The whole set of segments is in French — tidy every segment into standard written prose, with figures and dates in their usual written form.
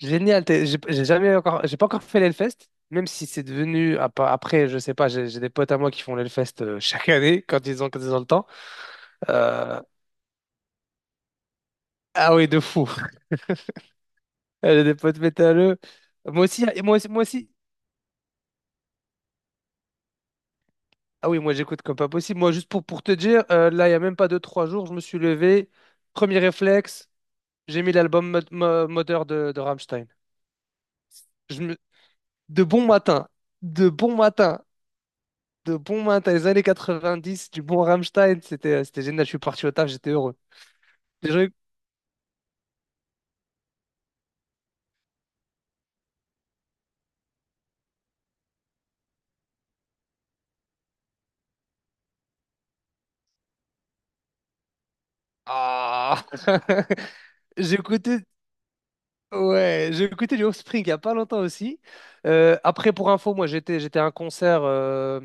Génial, j'ai jamais encore, j'ai pas encore fait l'Hellfest, même si c'est devenu, après, je sais pas, j'ai des potes à moi qui font l'Hellfest chaque année, quand ils ont le temps. Euh, ah oui, de fou. J'ai des potes métalleux. Moi aussi, et moi aussi, moi aussi. Ah oui, moi j'écoute comme pas possible. Moi, juste pour te dire, là, il y a même pas deux, trois jours, je me suis levé, premier réflexe, j'ai mis l'album Mother de Rammstein. Je me- De bon matin, de bon matin. De bon matin, t'as les années dix du bon Rammstein, c'était génial. Je suis parti au taf, j'étais heureux. Déjà, ah. j'ai écouté, ouais, j'ai écouté du Offspring il y a pas longtemps aussi. Après, pour info, moi j'étais à un concert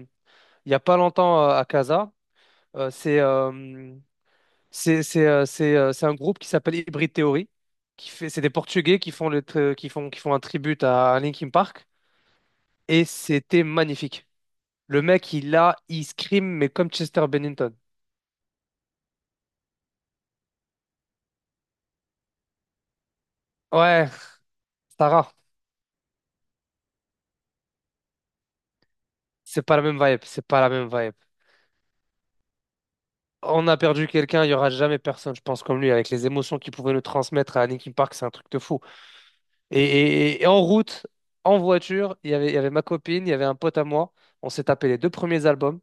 il y a pas longtemps, à Casa. Euh, c'est euh, c'est un groupe qui s'appelle Hybrid Theory, qui fait c'est des Portugais qui font un tribute à Linkin Park, et c'était magnifique. Le mec il scream mais comme Chester Bennington. Ouais, Sarah, c'est pas la même vibe, c'est pas la même vibe. On a perdu quelqu'un, il y aura jamais personne, je pense, comme lui, avec les émotions qu'il pouvait nous transmettre à Linkin Park. C'est un truc de fou. Et en route, en voiture, il y avait ma copine, il y avait un pote à moi, on s'est tapé les deux premiers albums.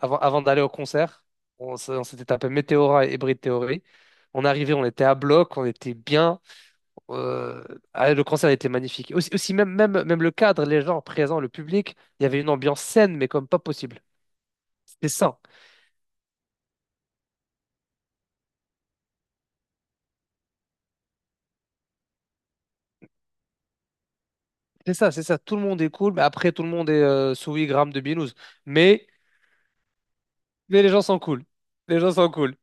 Avant d'aller au concert, on s'était tapé Météora et Hybrid Theory. On arrivait, on était à bloc, on était bien. Euh, ah, le concert était magnifique. Aussi, même, même, même le cadre, les gens présents, le public, il y avait une ambiance saine, mais comme pas possible. C'était sain. C'est ça, c'est ça. Tout le monde est cool, mais après, tout le monde est sous 8 grammes de binouze. Mais, mais les gens sont cool. Les gens sont cool.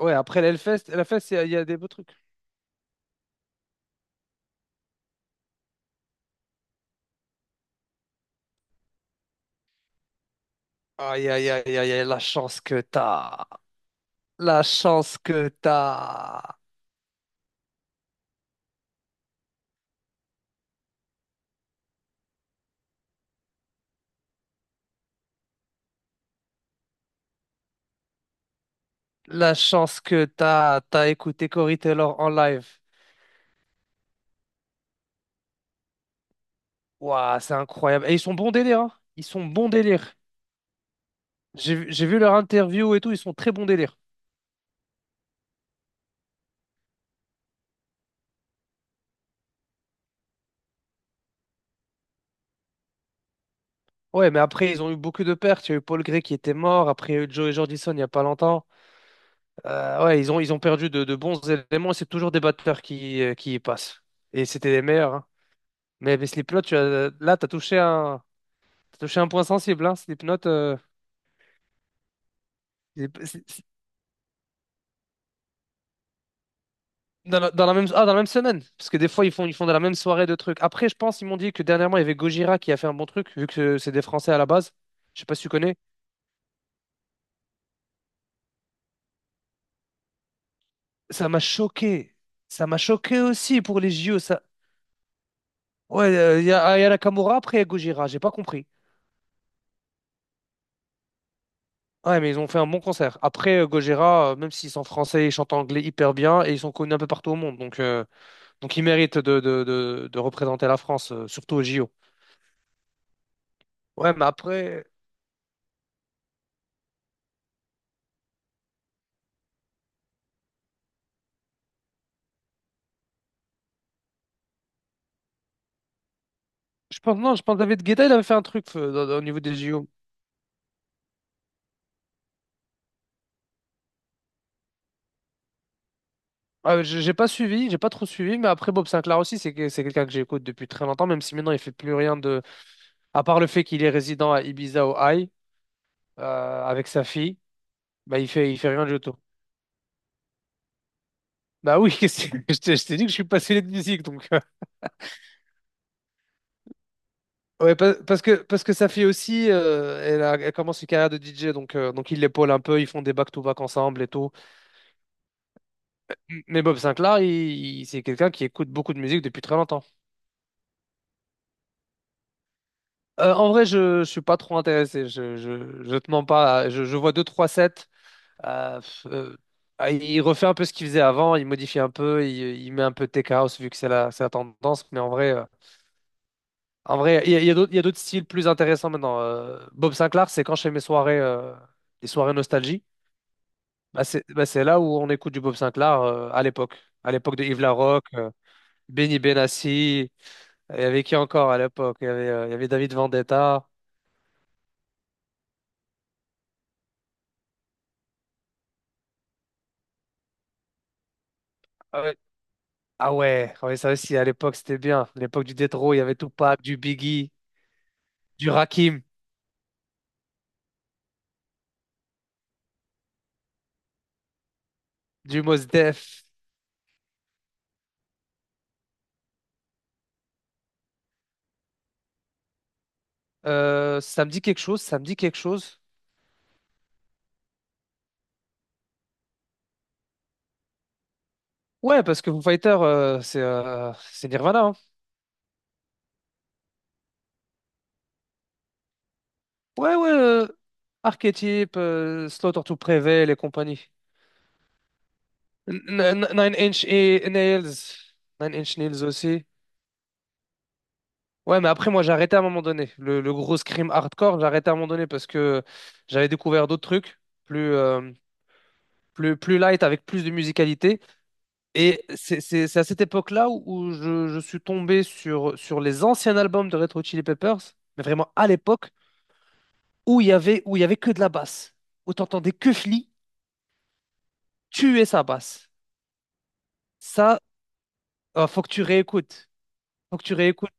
Ouais, après l'Hellfest, la fête, il y a des beaux trucs. Aïe, aïe, aïe, aïe, aïe, la chance que t'as. La chance que t'as. La chance que t'as, t'as écouté Corey Taylor en live. Waouh, c'est incroyable. Et ils sont bons délire, hein. Ils sont bons délire. J'ai vu leur interview et tout, ils sont très bons délire. Ouais, mais après, ils ont eu beaucoup de pertes. Il y a eu Paul Gray qui était mort. Après, il y a eu Joey Jordison il n'y a pas longtemps. Ouais, ils ont perdu de bons éléments. C'est toujours des batteurs qui y passent. Et c'était les meilleurs. Hein. Mais Slipknot, tu as, là, t'as touché un point sensible. Hein. Slipknot. Dans la même semaine. Parce que des fois, ils font dans la même soirée de trucs. Après, je pense, ils m'ont dit que dernièrement, il y avait Gojira qui a fait un bon truc, vu que c'est des Français à la base. Je sais pas si tu connais. Ça m'a choqué. Ça m'a choqué aussi pour les JO. Ça. Ouais, ah, il y a Nakamura, après il y a Gojira. J'ai pas compris. Ouais, mais ils ont fait un bon concert. Après, Gojira, même s'ils sont français, ils chantent anglais hyper bien et ils sont connus un peu partout au monde. Donc ils méritent de représenter la France, surtout aux JO. Ouais, mais après, je pense, non, je pense que David Guetta, il avait fait un truc au niveau des JO. Ah, j'ai pas suivi, j'ai pas trop suivi, mais après Bob Sinclair aussi, c'est quelqu'un que j'écoute depuis très longtemps, même si maintenant il fait plus rien de, à part le fait qu'il est résident à Ibiza au High avec sa fille. Bah il fait rien du tout. Bah oui. Je t'ai dit que je suis passionné de musique, donc ouais, parce que sa fille aussi, elle commence une carrière de DJ, donc il l'épaule un peu, ils font des back-to-back ensemble et tout. Mais Bob Sinclair, c'est quelqu'un qui écoute beaucoup de musique depuis très longtemps. En vrai, je suis pas trop intéressé. Je te mens pas. Je vois deux trois sets. Euh, euh, ah, il refait un peu ce qu'il faisait avant, il modifie un peu, il met un peu de tech house vu que c'est la tendance. Mais en vrai, il y a d'autres il y a d'autres styles plus intéressants maintenant. Bob Sinclair, c'est quand je fais mes soirées, les soirées nostalgie, bah c'est là où on écoute du Bob Sinclair, à l'époque. À l'époque de Yves Larocque, Benny Benassi, il y avait qui encore à l'époque? Il y avait David Vendetta. Ah ouais, ah ouais, ah ouais, ça aussi, à l'époque, c'était bien. À l'époque du Détro, il y avait Tupac, du Biggie, du Rakim, du Mos Def. Ça me dit quelque chose, ça me dit quelque chose. Ouais, parce que Foo Fighters, c'est Nirvana. Hein. Ouais, ouais, Archetype, Slaughter to Prevail et compagnie. Nine Inch et Nails. Nine Inch Nails aussi. Ouais, mais après, moi, j'ai arrêté à un moment donné. Le gros scream hardcore, j'ai arrêté à un moment donné parce que j'avais découvert d'autres trucs plus, euh, plus light avec plus de musicalité. Et c'est à cette époque-là où je suis tombé sur les anciens albums de Retro Chili Peppers, mais vraiment à l'époque, où il y avait que de la basse, où t'entendais que Flea tuer sa basse. Ça, faut que tu réécoutes. Faut que tu réécoutes.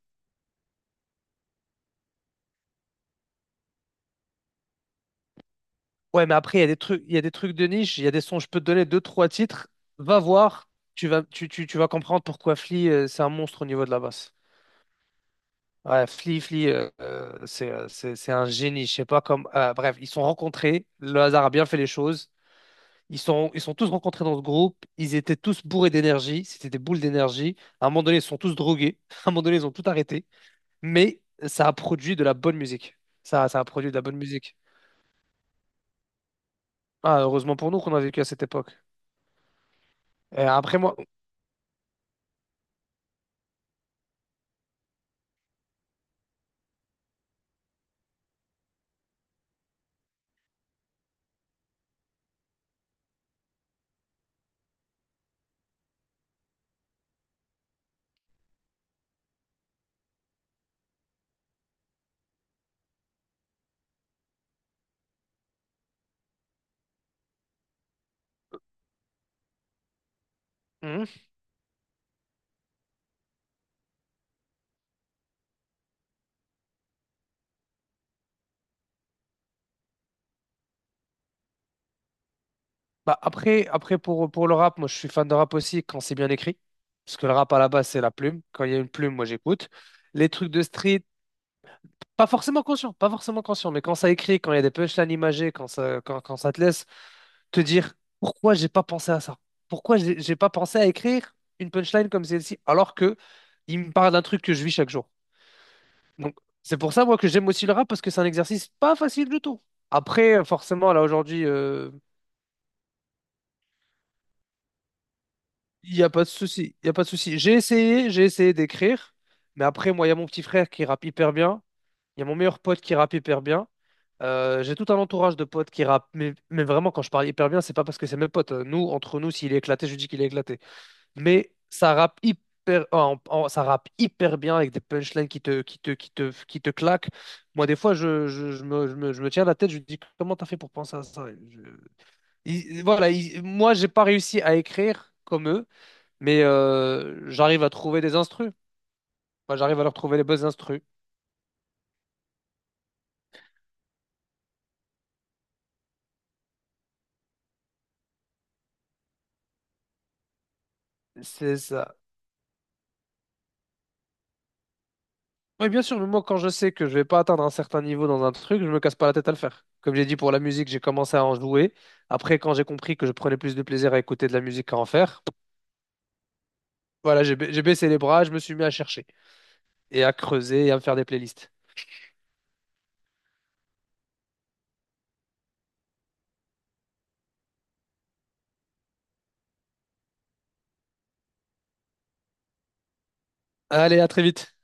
Ouais, mais après, il y a des trucs, il y a des trucs de niche, il y a des sons, je peux te donner deux, trois titres. Va voir, tu vas comprendre pourquoi Flea, c'est un monstre au niveau de la basse. Ouais, Flea, c'est un génie. Je sais pas comme. Bref, ils se sont rencontrés. Le hasard a bien fait les choses. Ils sont tous rencontrés dans ce groupe, ils étaient tous bourrés d'énergie, c'était des boules d'énergie. À un moment donné, ils sont tous drogués, à un moment donné, ils ont tout arrêté, mais ça a produit de la bonne musique. Ça a produit de la bonne musique. Ah, heureusement pour nous qu'on a vécu à cette époque. Et après, moi. Hmm. Bah après, pour le rap, moi je suis fan de rap aussi quand c'est bien écrit, parce que le rap à la base, c'est la plume. Quand il y a une plume, moi j'écoute. Les trucs de street, pas forcément conscient, pas forcément conscient, mais quand ça écrit, quand il y a des punchlines imagées, quand ça te laisse te dire pourquoi j'ai pas pensé à ça? Pourquoi j'ai pas pensé à écrire une punchline comme celle-ci alors que il me parle d'un truc que je vis chaque jour. Donc c'est pour ça moi que j'aime aussi le rap parce que c'est un exercice pas facile du tout. Après forcément là aujourd'hui. Il n'y a pas de souci, il y a pas de souci. J'ai essayé d'écrire, mais après moi il y a mon petit frère qui rappe hyper bien, il y a mon meilleur pote qui rappe hyper bien. J'ai tout un entourage de potes qui rappent, mais vraiment quand je parle hyper bien, c'est pas parce que c'est mes potes. Nous, entre nous, s'il est éclaté, je dis qu'il est éclaté. Mais ça rappe hyper bien avec des punchlines qui te claquent. Moi, des fois, je me tiens la tête, je me dis, comment t'as fait pour penser à ça? Voilà, moi, j'ai pas réussi à écrire comme eux, mais j'arrive à trouver des instrus. Moi, j'arrive à leur trouver les bonnes instrus. C'est ça. Oui, bien sûr, mais moi, quand je sais que je vais pas atteindre un certain niveau dans un truc, je me casse pas la tête à le faire. Comme j'ai dit pour la musique, j'ai commencé à en jouer. Après, quand j'ai compris que je prenais plus de plaisir à écouter de la musique qu'à en faire. Voilà, j'ai j'ai baissé les bras, je me suis mis à chercher et à creuser et à me faire des playlists. Allez, à très vite.